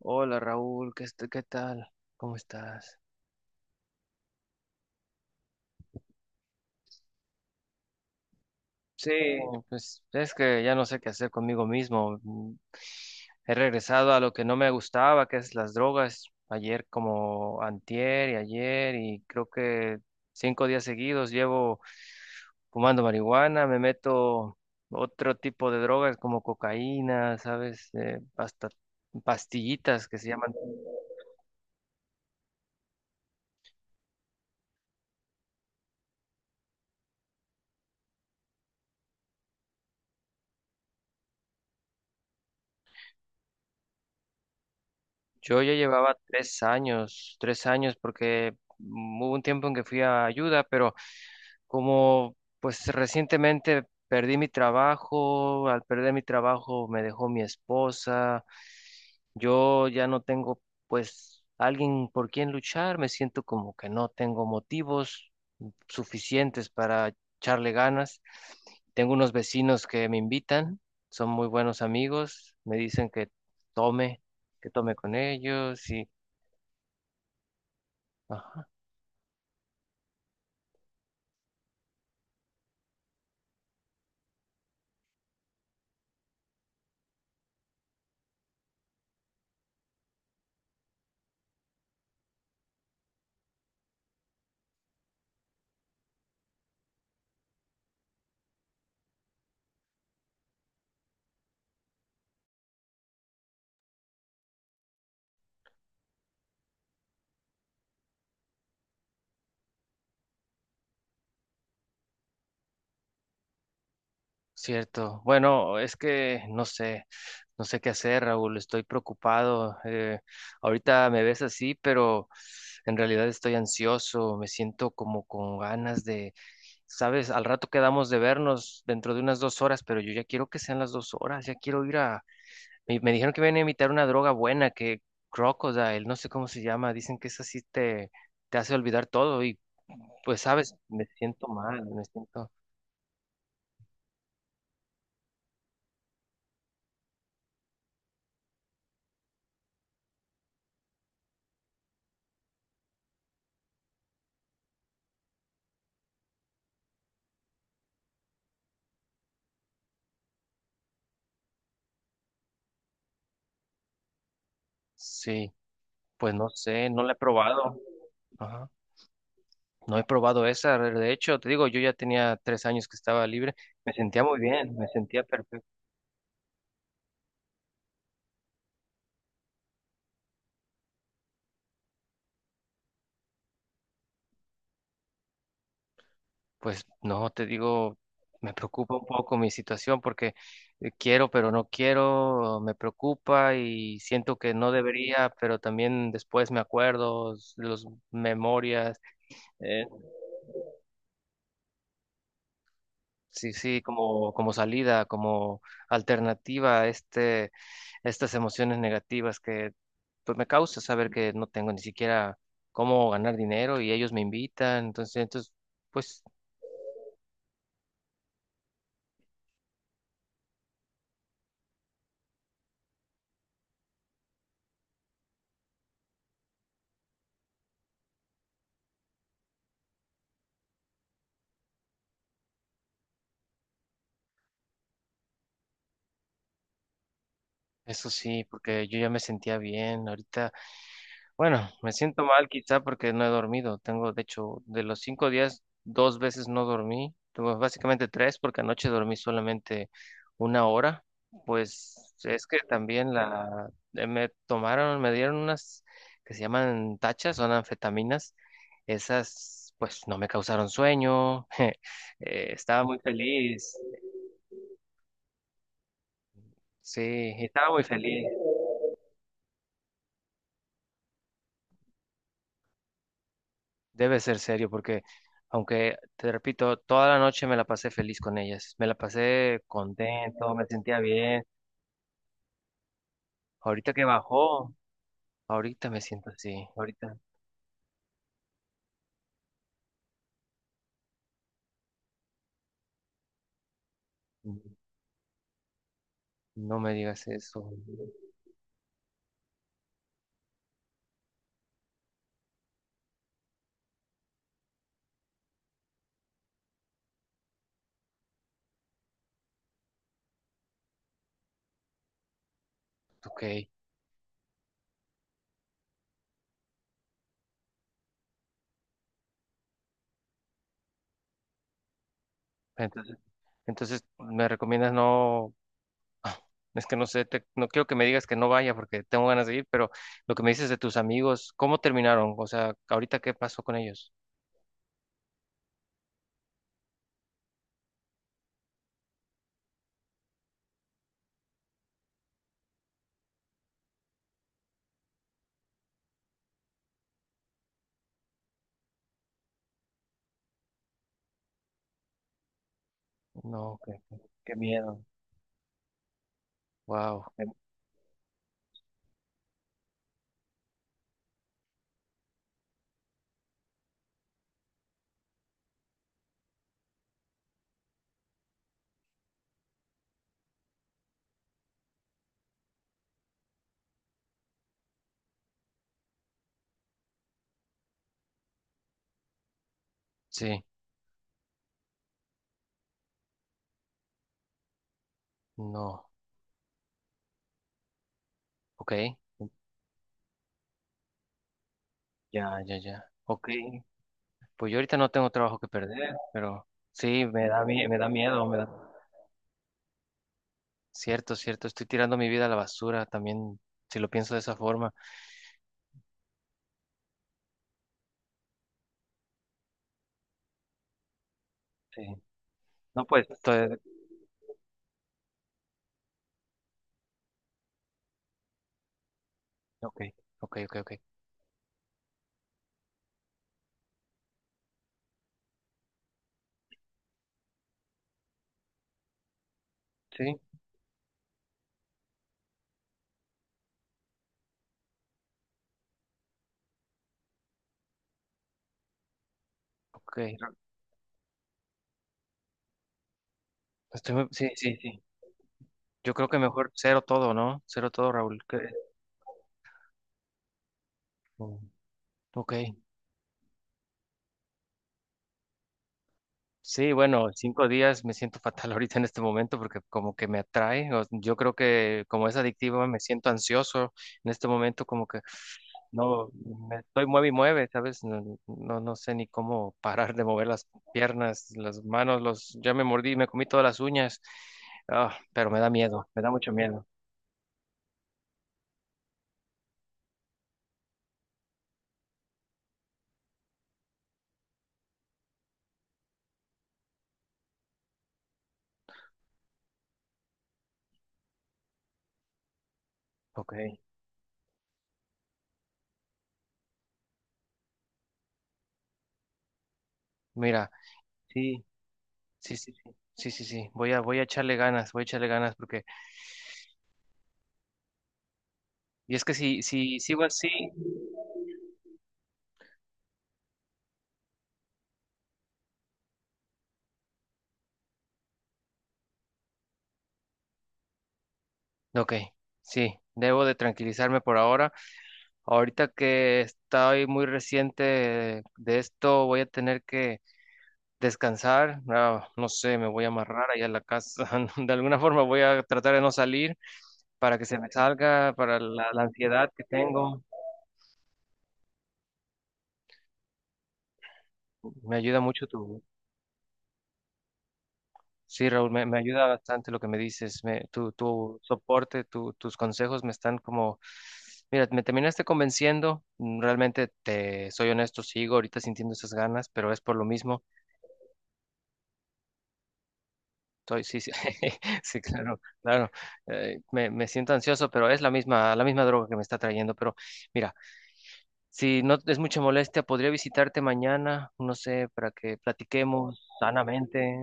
Hola Raúl, ¿ qué tal? ¿Cómo estás? Sí, no, pues es que ya no sé qué hacer conmigo mismo. He regresado a lo que no me gustaba, que es las drogas. Ayer como antier y ayer y creo que 5 días seguidos llevo fumando marihuana, me meto otro tipo de drogas como cocaína, ¿sabes? Hasta pastillitas que se llaman. Yo ya llevaba 3 años, 3 años, porque hubo un tiempo en que fui a ayuda, pero como pues recientemente perdí mi trabajo, al perder mi trabajo me dejó mi esposa, yo ya no tengo pues alguien por quien luchar, me siento como que no tengo motivos suficientes para echarle ganas. Tengo unos vecinos que me invitan, son muy buenos amigos, me dicen que tome, que tome, con ellos y... Ajá. Cierto. Bueno, es que no sé qué hacer, Raúl. Estoy preocupado. Ahorita me ves así, pero en realidad estoy ansioso. Me siento como con ganas de, sabes, al rato quedamos de vernos dentro de unas 2 horas, pero yo ya quiero que sean las 2 horas. Ya quiero ir a. Me dijeron que vienen a imitar una droga buena, que Crocodile, no sé cómo se llama. Dicen que esa sí te hace olvidar todo y, pues, sabes, me siento mal, me siento. Sí. Pues no sé, no la he probado. Ajá. No he probado esa. De hecho, te digo, yo ya tenía 3 años que estaba libre. Me sentía muy bien, me sentía perfecto. Pues no, te digo, me preocupa un poco mi situación porque quiero, pero no quiero, me preocupa y siento que no debería, pero también después me acuerdo, los memorias. eh, Sí, sí, como, salida, como alternativa a estas emociones negativas que pues me causa saber que no tengo ni siquiera cómo ganar dinero y ellos me invitan, entonces, pues. Eso sí, porque yo ya me sentía bien. Ahorita, bueno, me siento mal quizá porque no he dormido. Tengo, de hecho, de los 5 días, 2 veces no dormí. Tuve básicamente tres porque anoche dormí solamente 1 hora. Pues es que también la, me tomaron, me dieron unas que se llaman tachas, son anfetaminas. Esas, pues no me causaron sueño. Estaba muy feliz. Sí, estaba muy feliz. Debe ser serio porque, aunque te repito, toda la noche me la pasé feliz con ellas, me la pasé contento, me sentía bien. Ahorita que bajó, ahorita me siento así, ahorita mm, no me digas eso. Ok, entonces, entonces me recomiendas no, es que no sé, no quiero que me digas que no vaya porque tengo ganas de ir, pero lo que me dices de tus amigos, ¿cómo terminaron? O sea, ¿ahorita qué pasó con ellos? No, qué miedo. Wow, sí, no, ok. Ya, ya, ya. Ok. Pues yo ahorita no tengo trabajo que perder, pero sí, me da miedo, me da... Cierto, cierto, estoy tirando mi vida a la basura también, si lo pienso de esa forma. Sí. No, pues, estoy... Ok, ok, ok, ok. Sí, ok. Sí, sí, sí. Yo creo que mejor cero todo, ¿no? Cero todo, Raúl. Mm. Ok. Sí, bueno, 5 días me siento fatal ahorita en este momento porque como que me atrae. Yo creo que como es adictivo me siento ansioso en este momento como que no me estoy mueve y mueve, ¿sabes? No, no, no sé ni cómo parar de mover las piernas, las manos, los ya me mordí, me comí todas las uñas. Ah, pero me da miedo, me da mucho miedo. Ok, mira, sí, sí, sí, sí. Sí, sí, sí, voy a echarle ganas, voy a echarle ganas porque, y es que si sigo así, ok, sí, debo de tranquilizarme por ahora. Ahorita que estoy muy reciente de esto, voy a tener que descansar. Ah, no sé, me voy a amarrar allá en la casa. De alguna forma voy a tratar de no salir para que se me salga, para la ansiedad que tengo. Me ayuda mucho tu. Sí, Raúl, me ayuda bastante lo que me dices. Me, tu soporte, tus consejos me están como, mira, me terminaste convenciendo. Realmente te soy honesto, sigo ahorita sintiendo esas ganas, pero es por lo mismo. Estoy, sí, sí, sí, claro, claro. Me siento ansioso, pero es la misma droga que me está trayendo. Pero mira, si no es mucha molestia, podría visitarte mañana, no sé, para que platiquemos sanamente.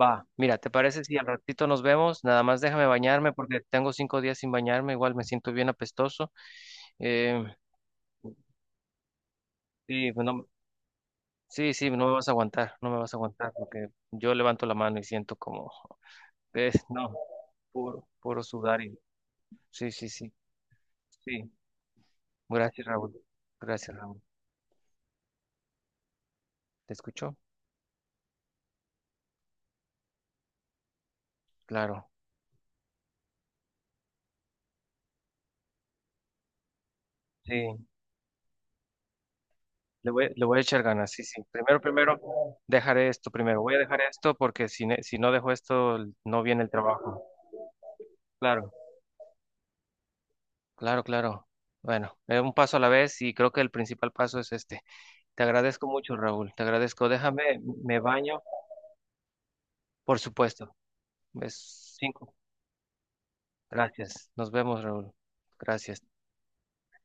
Va, mira, ¿te parece si al ratito nos vemos? Nada más déjame bañarme porque tengo 5 días sin bañarme, igual me siento bien apestoso. Eh, sí, pues sí, sí, no me vas a aguantar, no me vas a aguantar porque yo levanto la mano y siento como, es, no, puro, sudar y, sí, sí, sí, sí, gracias Raúl, gracias Raúl, ¿te escuchó? Claro, sí, le voy a echar ganas, sí, sí, primero, primero, dejaré esto primero, voy a dejar esto porque si no dejo esto, no viene el trabajo, claro. Claro, claro. Bueno, un paso a la vez y creo que el principal paso es este. Te agradezco mucho, Raúl. Te agradezco. Déjame, me baño, por supuesto. Es cinco. Gracias. Nos vemos, Raúl. Gracias.